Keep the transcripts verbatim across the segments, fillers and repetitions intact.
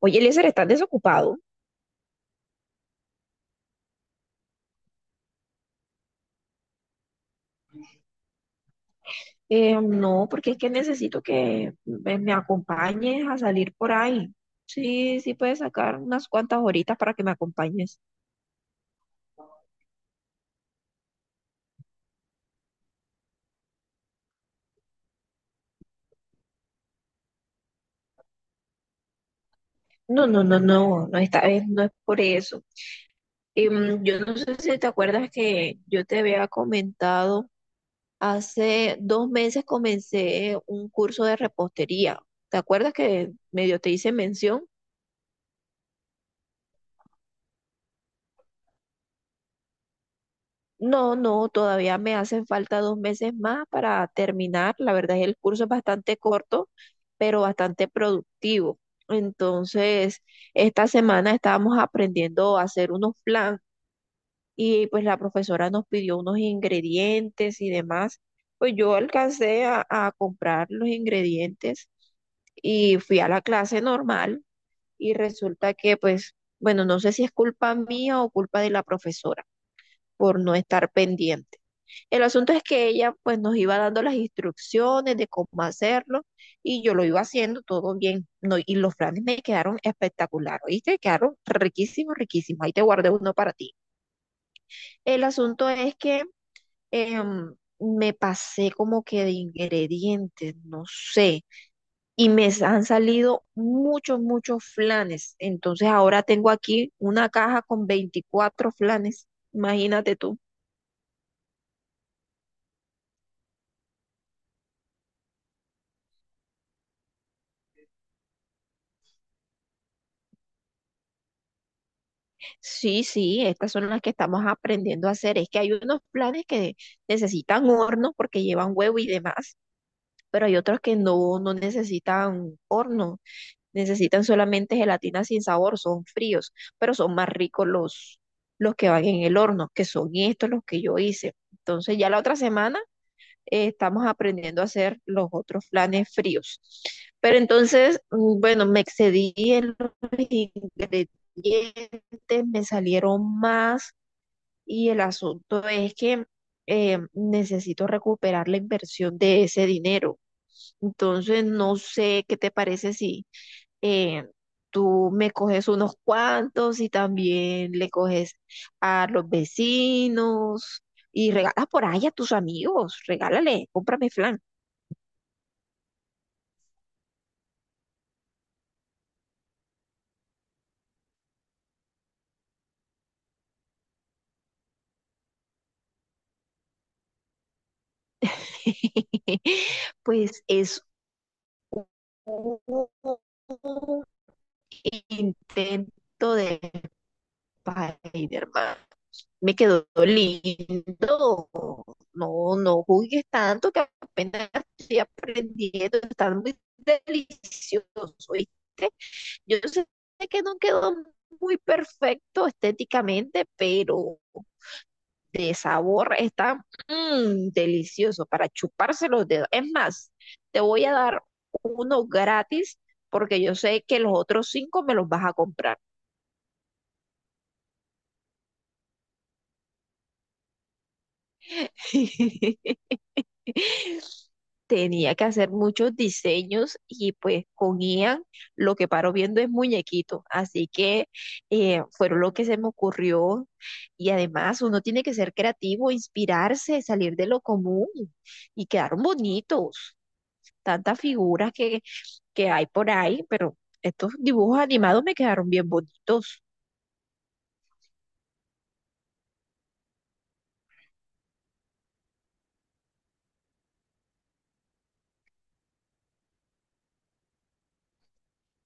Oye, Eliezer, ¿estás desocupado? Eh, no, porque es que necesito que me, me acompañes a salir por ahí. Sí, sí puedes sacar unas cuantas horitas para que me acompañes. No, no, no, no, no, esta vez no es por eso. Em, yo no sé si te acuerdas que yo te había comentado, hace dos meses comencé un curso de repostería. ¿Te acuerdas que medio te hice mención? No, no, todavía me hacen falta dos meses más para terminar. La verdad es que el curso es bastante corto, pero bastante productivo. Entonces, esta semana estábamos aprendiendo a hacer unos flan y pues la profesora nos pidió unos ingredientes y demás. Pues yo alcancé a, a comprar los ingredientes y fui a la clase normal y resulta que pues, bueno, no sé si es culpa mía o culpa de la profesora por no estar pendiente. El asunto es que ella pues nos iba dando las instrucciones de cómo hacerlo y yo lo iba haciendo todo bien. No, y los flanes me quedaron espectacular, ¿oíste? Quedaron riquísimos, riquísimos. Ahí te guardé uno para ti. El asunto es que em, me pasé como que de ingredientes, no sé, y me han salido muchos, muchos flanes. Entonces ahora tengo aquí una caja con veinticuatro flanes, imagínate tú. Sí, sí, estas son las que estamos aprendiendo a hacer. Es que hay unos planes que necesitan horno porque llevan huevo y demás, pero hay otros que no, no necesitan horno, necesitan solamente gelatina sin sabor, son fríos, pero son más ricos los, los que van en el horno, que son estos los que yo hice. Entonces ya la otra semana eh, estamos aprendiendo a hacer los otros flanes fríos. Pero entonces, mm, bueno, me excedí en los ingredientes, me salieron más y el asunto es que eh, necesito recuperar la inversión de ese dinero. Entonces, no sé qué te parece si eh, tú me coges unos cuantos y también le coges a los vecinos y regalas por ahí a tus amigos, regálale, cómprame flan. Pues es un intento de Spider-Man. Me quedó lindo. No, no juzgues tanto que apenas estoy aprendiendo. Está muy delicioso, ¿viste? Yo sé que no quedó muy perfecto estéticamente, pero de sabor está mm, delicioso para chuparse los dedos. Es más, te voy a dar uno gratis porque yo sé que los otros cinco me los vas a comprar. Tenía que hacer muchos diseños y pues con Ian lo que paro viendo es muñequito. Así que eh, fueron lo que se me ocurrió. Y además uno tiene que ser creativo, inspirarse, salir de lo común y quedaron bonitos. Tantas figuras que, que hay por ahí, pero estos dibujos animados me quedaron bien bonitos.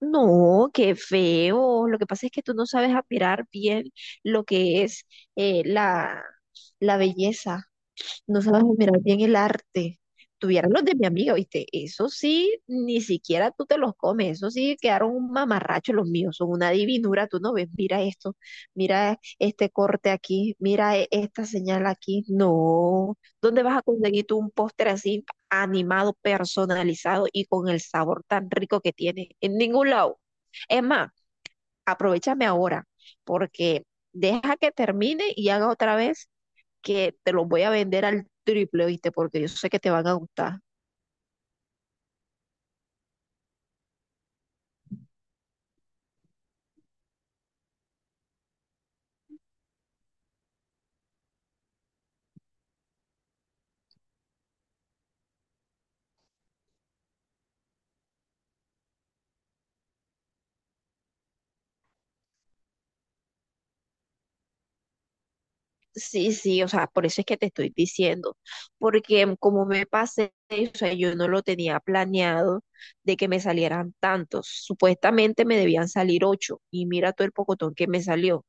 No, qué feo. Lo que pasa es que tú no sabes admirar bien lo que es eh, la, la belleza. No sabes mirar bien el arte. Tuvieron los de mi amiga, ¿viste? Eso sí, ni siquiera tú te los comes, eso sí quedaron un mamarracho los míos, son una divinura, tú no ves, mira esto, mira este corte aquí, mira e- esta señal aquí, no, ¿dónde vas a conseguir tú un póster así animado, personalizado y con el sabor tan rico que tiene? En ningún lado. Es más, aprovechame ahora, porque deja que termine y haga otra vez que te los voy a vender al triple, ¿viste? Porque yo sé que te van a gustar. Sí, sí, o sea, por eso es que te estoy diciendo, porque como me pasé, o sea, yo no lo tenía planeado de que me salieran tantos. Supuestamente me debían salir ocho y mira todo el pocotón que me salió.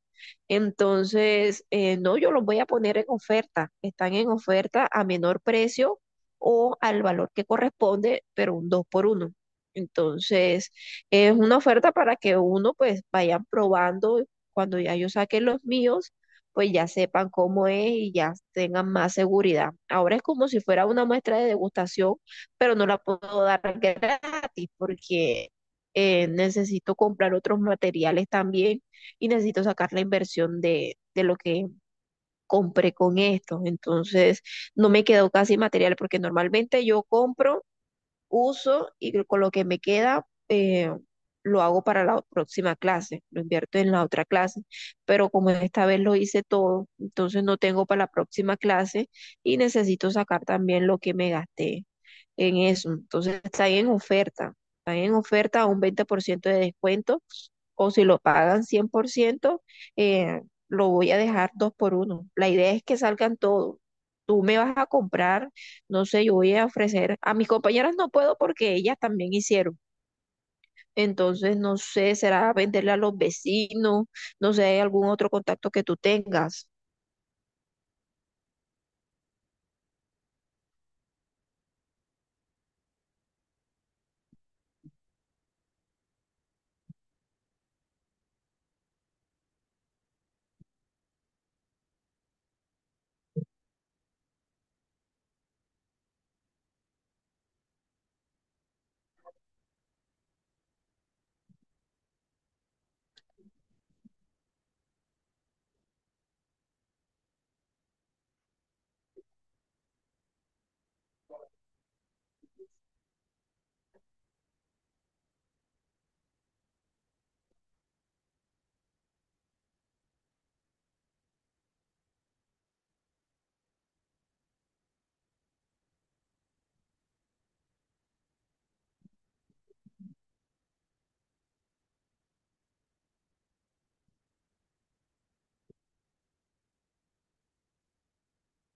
Entonces, eh, no, yo los voy a poner en oferta. Están en oferta a menor precio o al valor que corresponde, pero un dos por uno. Entonces, es una oferta para que uno pues vaya probando cuando ya yo saque los míos pues ya sepan cómo es y ya tengan más seguridad. Ahora es como si fuera una muestra de degustación, pero no la puedo dar gratis porque eh, necesito comprar otros materiales también y necesito sacar la inversión de, de lo que compré con esto. Entonces, no me quedó casi material porque normalmente yo compro uso y con lo que me queda eh, lo hago para la próxima clase, lo invierto en la otra clase, pero como esta vez lo hice todo, entonces no tengo para la próxima clase y necesito sacar también lo que me gasté en eso. Entonces está ahí en oferta, está ahí en oferta a un veinte por ciento de descuento o si lo pagan cien por ciento, eh, lo voy a dejar dos por uno. La idea es que salgan todos. Tú me vas a comprar no sé, yo voy a ofrecer, a mis compañeras no puedo porque ellas también hicieron. Entonces, no sé, será venderle a los vecinos, no sé, ¿hay algún otro contacto que tú tengas?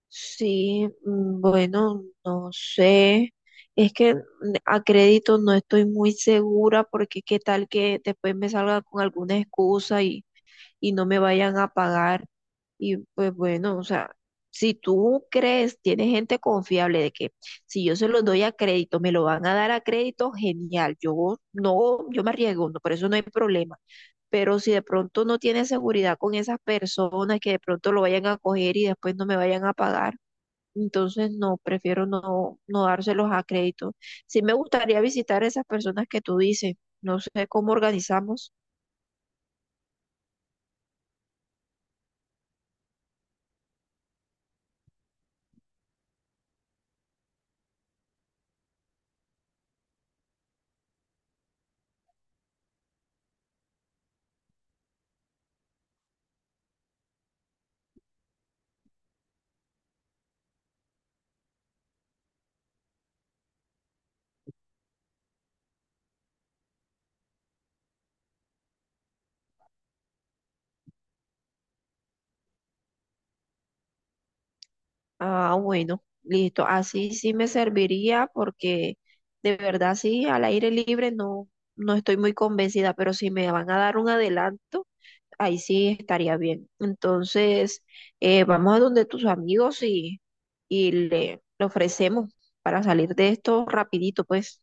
Sí, mm, bueno, no sé. Es que mm, a crédito no estoy muy segura porque qué tal que después me salga con alguna excusa y no me vayan a pagar. Y pues bueno, o sea, si tú crees, tienes gente confiable de que si yo se los doy a crédito, me lo van a dar a crédito, genial. Yo no, yo me arriesgo, no, por eso no hay problema. Pero si de pronto no tienes seguridad con esas personas que de pronto lo vayan a coger y después no me vayan a pagar, entonces no, prefiero no, no dárselos a crédito. Sí me gustaría visitar a esas personas que tú dices, no sé cómo organizamos. Ah, bueno, listo. Así sí me serviría porque de verdad sí, al aire libre no, no estoy muy convencida, pero si me van a dar un adelanto, ahí sí estaría bien. Entonces, eh, vamos a donde tus amigos y, y le, le ofrecemos para salir de esto rapidito, pues.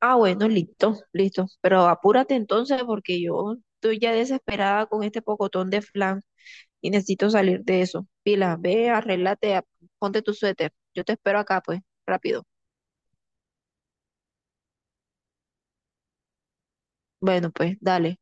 Ah, bueno, listo, listo. Pero apúrate entonces porque yo estoy ya desesperada con este pocotón de flan. Y necesito salir de eso. Pila, ve, arréglate, a- ponte tu suéter. Yo te espero acá, pues, rápido. Bueno, pues, dale.